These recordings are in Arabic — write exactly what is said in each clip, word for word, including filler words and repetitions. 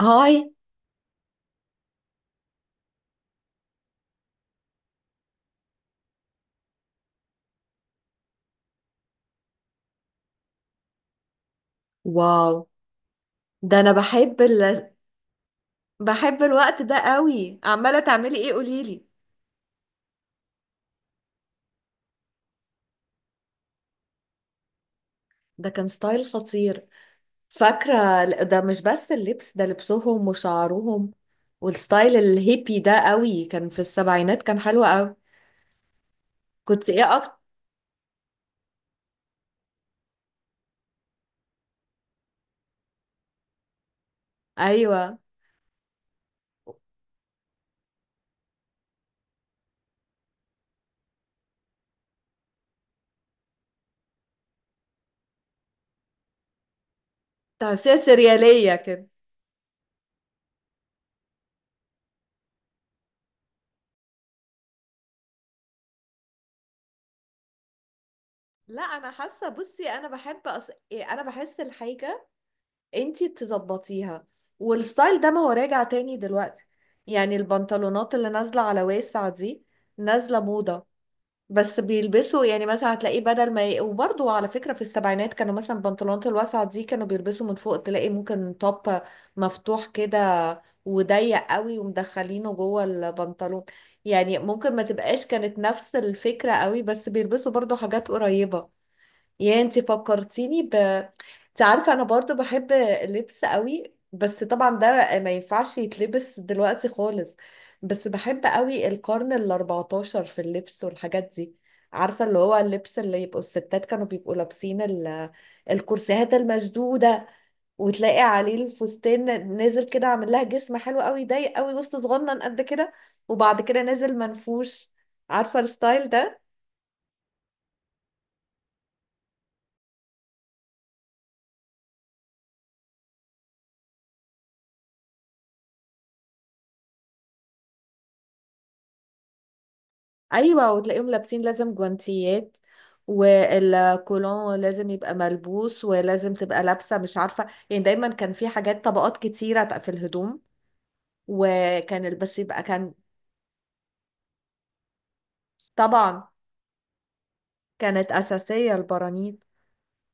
هاي. واو. ده انا بحب ال... بحب الوقت ده قوي. عماله تعملي ايه قوليلي؟ ده كان ستايل خطير. فاكره ال- ده مش بس اللبس ده، لبسهم وشعرهم والستايل الهيبي ده قوي، كان في السبعينات، كان حلو قوي. كنت ايه اكتر؟ ايوه، تمثيل سرياليه كده. لا، انا حاسه، بصي انا بحب أص... إيه، انا بحس الحاجه انتي تظبطيها، والستايل ده ما هو راجع تاني دلوقتي، يعني البنطلونات اللي نازلة على واسع دي نازلة موضة، بس بيلبسوا يعني مثلا هتلاقيه بدل ما ي... وبرضه على فكرة في السبعينات كانوا مثلا البنطلونات الواسعة دي كانوا بيلبسوا من فوق، تلاقي ممكن توب مفتوح كده وضيق قوي ومدخلينه جوه البنطلون، يعني ممكن ما تبقاش كانت نفس الفكرة قوي، بس بيلبسوا برضه حاجات قريبة. يا انتي فكرتيني ب انت عارفة انا برضو بحب اللبس قوي، بس طبعا ده ما ينفعش يتلبس دلوقتي خالص، بس بحب قوي القرن الاربعتاشر في اللبس والحاجات دي. عارفة اللي هو اللبس اللي يبقوا الستات كانوا بيبقوا لابسين ال... الكرسيهات المشدودة، وتلاقي عليه الفستان نازل كده، عامل لها جسم حلو قوي، ضيق قوي، وسط صغنن قد كده، وبعد كده نازل منفوش. عارفة الستايل ده؟ ايوه. وتلاقيهم لابسين لازم جوانتيات، والكولون لازم يبقى ملبوس، ولازم تبقى لابسه، مش عارفه يعني، دايما كان في حاجات طبقات كتيره في الهدوم، وكان البس يبقى كان. طبعا، كانت اساسيه البرانيت،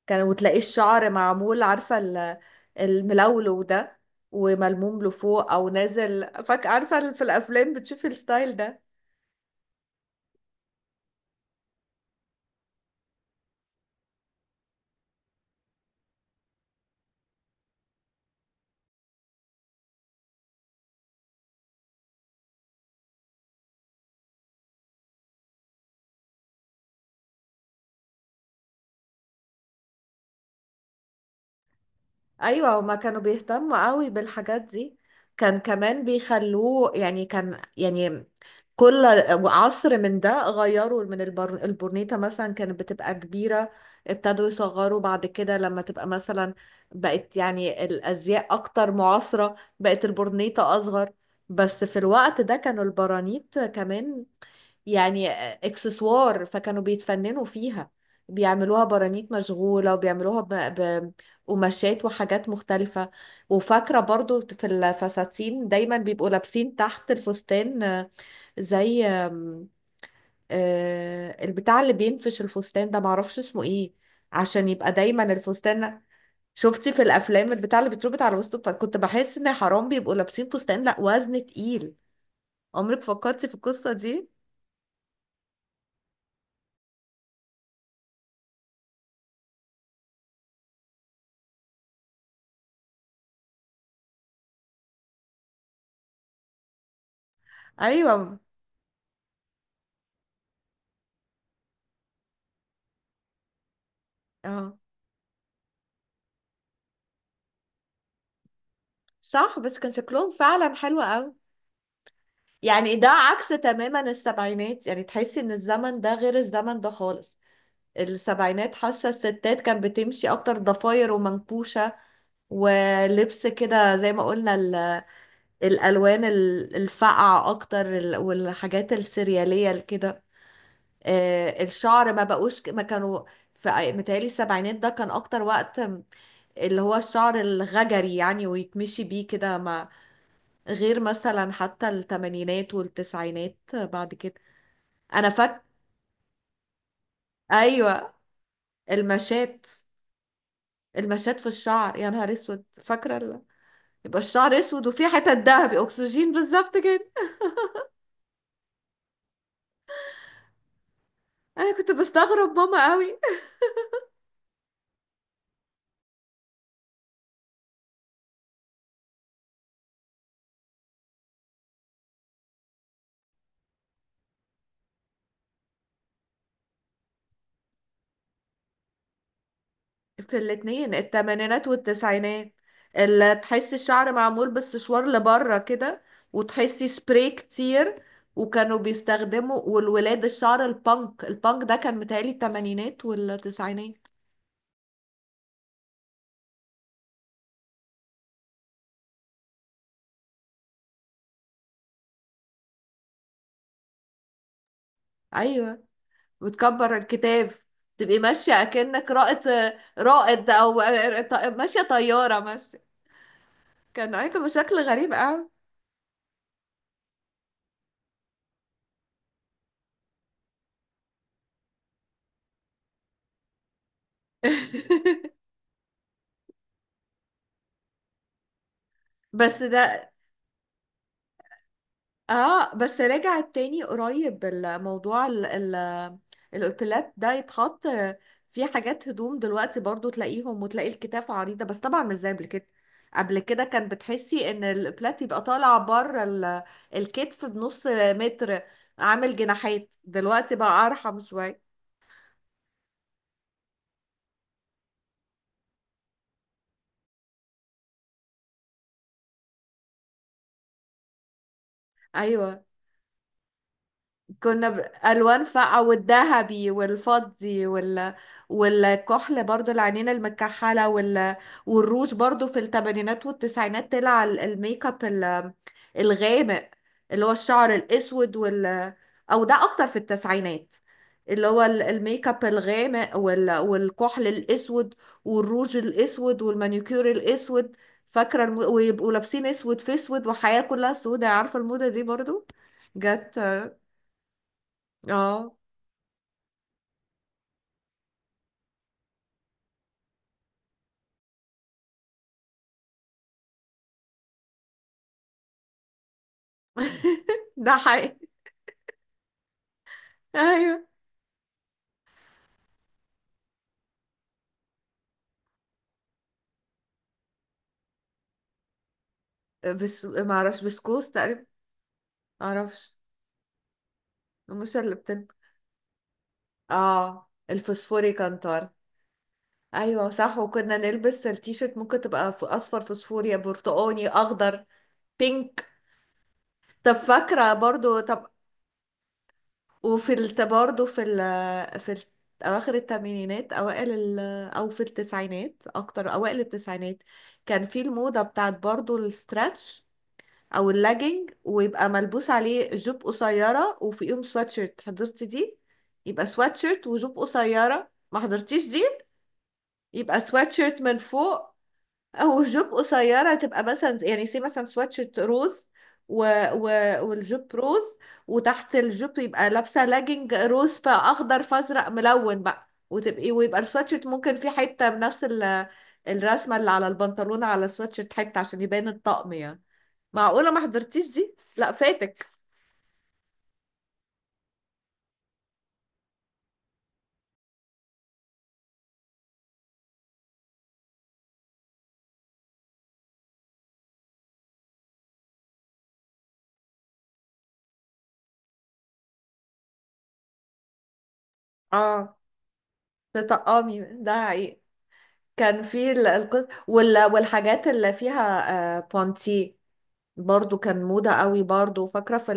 كان، وتلاقي الشعر معمول، عارفه ال- الملولو ده، وملموم لفوق او نازل، فاك، عارفه في الافلام بتشوفي الستايل ده. ايوه، هما كانوا بيهتموا قوي بالحاجات دي، كان كمان بيخلوه يعني كان يعني كل عصر من ده غيروا من البر... البورنيطة مثلا كانت بتبقى كبيرة، ابتدوا يصغروا بعد كده، لما تبقى مثلا بقت يعني الأزياء أكتر معاصرة بقت البورنيطة أصغر، بس في الوقت ده كانوا البرانيط كمان يعني اكسسوار، فكانوا بيتفننوا فيها، بيعملوها برانيت مشغولة، وبيعملوها ب- ب- قماشات وحاجات مختلفة. وفاكرة برضو في الفساتين دايما بيبقوا لابسين تحت الفستان، زي آم، آه، البتاع اللي بينفش الفستان ده، معرفش اسمه ايه، عشان يبقى دايما الفستان. شفتي في الافلام البتاع اللي بيتربط على وسطه؟ فكنت بحس ان حرام بيبقوا لابسين فستان، لا وزن تقيل. عمرك فكرتي في القصة دي؟ ايوه، اه، صح، بس كان شكلهم فعلا حلو قوي، يعني ده عكس تماما السبعينات، يعني تحسي ان الزمن ده غير الزمن ده خالص. السبعينات حاسة الستات كانت بتمشي أكتر ضفاير ومنكوشة، ولبس كده زي ما قلنا ال- الألوان ال- الفاقعة أكتر ال- والحاجات السريالية كده. آه، الشعر ما بقوش ك- ما كانوا ف- آه، متهيألي السبعينات ده كان أكتر وقت م- اللي هو الشعر الغجري يعني ويتمشي بيه كده ما، غير مثلا حتى التمانينات والتسعينات بعد كده. أنا فاكرة. أيوة، المشات، المشات في الشعر، يا نهار اسود، فاكره ال- يبقى الشعر اسود وفي حتت ذهبي اكسجين بالظبط كده. انا كنت بستغرب ماما قوي. في الاتنين التمانينات والتسعينات اللي تحسي الشعر معمول بالسشوار لبره كده، وتحسي سبراي كتير، وكانوا بيستخدموا. والولاد الشعر البانك، البانك ده كان متهيألي التمانينات والتسعينات. ايوه، وتكبر الكتاب، تبقي ماشيه اكنك رائد، رائد، او ماشيه طياره ماشيه. كان ايكون بشكل غريب قوي. بس ده، اه، بس رجع تاني قريب الموضوع ال... ال... الاوتيلات ده يتحط في حاجات هدوم دلوقتي برضو، تلاقيهم وتلاقي الكتاف عريضة، بس طبعا مش زي قبل كده. قبل كده كان بتحسي ان الاوتيلات يبقى طالع بره ال... الكتف بنص متر، عامل جناحات. دلوقتي بقى ارحم شوية. ايوه، كنا بألوان فاقعة، والذهبي والفضي وال... والكحل برضو، العينين المكحلة وال... والروج برضو. في الثمانينات والتسعينات طلع ال- الميك اب ال- الغامق اللي هو الشعر الأسود وال... أو ده أكتر في التسعينات، اللي هو ال- الميك اب الغامق وال... والكحل الأسود، والروج الأسود، والمانيكير الأسود. فاكرة الم... ويبقوا لابسين أسود في أسود، وحياة كلها سودة. عارفة الموضة دي برضو جت؟ اه. ده حقيقي. ايوه، بس ما اعرفش، بسكوس تقريبا، ما اعرفش، مش اللي بتن اه، الفوسفوري كانتار. ايوه، صح، وكنا نلبس التيشيرت، ممكن تبقى ف- اصفر فوسفوري، برتقاني، اخضر، بينك. طب فاكره برضو، طب. وفي الت برضو في ال في ال اواخر الثمانينات اوائل ال او في التسعينات اكتر، اوائل التسعينات كان في الموضه بتاعت برضو الستراتش او اللاجينج، ويبقى ملبوس عليه جوب قصيره وفوقيهم سواتشيرت. حضرتي دي؟ يبقى سواتشيرت وجوب قصيره. ما حضرتيش دي؟ يبقى سواتشيرت من فوق او جوب قصيره، تبقى مثلا يعني سي مثلا سواتشيرت روز و... و... والجوب روز، وتحت الجوب يبقى لابسه لاجينج روز، فاخضر فازرق ملون بقى، وتبقي ويبقى السواتشيرت ممكن في حته بنفس ال... الرسمه اللي على البنطلون، على السواتشيرت حته عشان يبان الطقم يعني. معقولة ما حضرتيش دي؟ لا، فاتك. اه، تطقمي ده حقيقي. كان في ال- القط... وال... والحاجات اللي فيها، آه بونتي برضو كان موضة قوي، برضو فاكرة في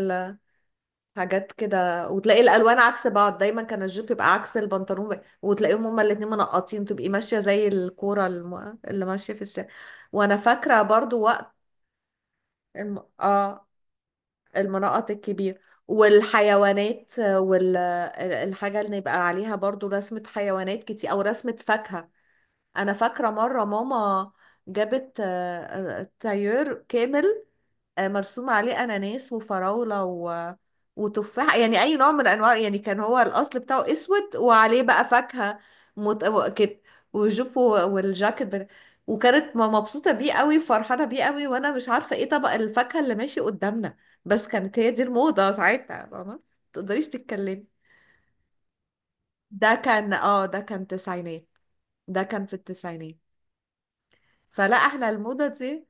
الحاجات كده. وتلاقي الألوان عكس بعض، دايما كان الجيب يبقى عكس البنطلون، وتلاقيهم هما الاتنين منقطين، تبقي ماشية زي الكورة الم... اللي ماشية في الشارع. وأنا فاكرة برضو وقت الم... اه المناطق الكبيرة، والحيوانات، والحاجة اللي يبقى عليها برضو رسمة حيوانات كتير، أو رسمة فاكهة. أنا فاكرة مرة ماما جابت آه، آه، طيور كامل، آه، مرسوم عليه اناناس وفراوله و... وتفاح، يعني اي نوع من انواع، يعني كان هو الاصل بتاعه اسود وعليه بقى فاكهه مت... و- كده، والجوب و- والجاكيت بتا... وكانت ما- مبسوطه بيه قوي، فرحانه بيه قوي، وانا مش عارفه ايه طبق الفاكهه اللي ماشي قدامنا، بس كانت هي دي الموضه ساعتها، فاهمه، ما تقدريش تتكلمي. ده كان اه ده كان تسعينات، ده كان في التسعينات. فلا، احنا الموضه دي،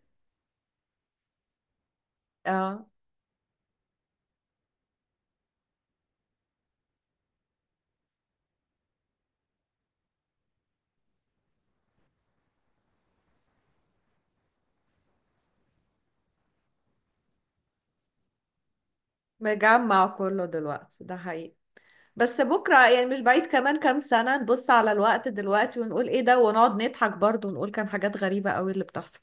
اه، مجمع كله دلوقتي، ده حقيقي، بس بكرة يعني مش بعيد كمان كام سنة نبص على الوقت دلوقتي ونقول ايه ده، ونقعد نضحك برضه، ونقول كان حاجات غريبة قوي اللي بتحصل.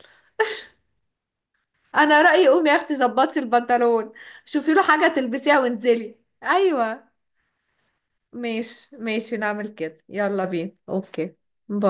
انا رأيي قومي يا اختي ظبطي البنطلون، شوفي له حاجة تلبسيها وانزلي. ايوه، ماشي ماشي، نعمل كده، يلا بينا، اوكي. باي.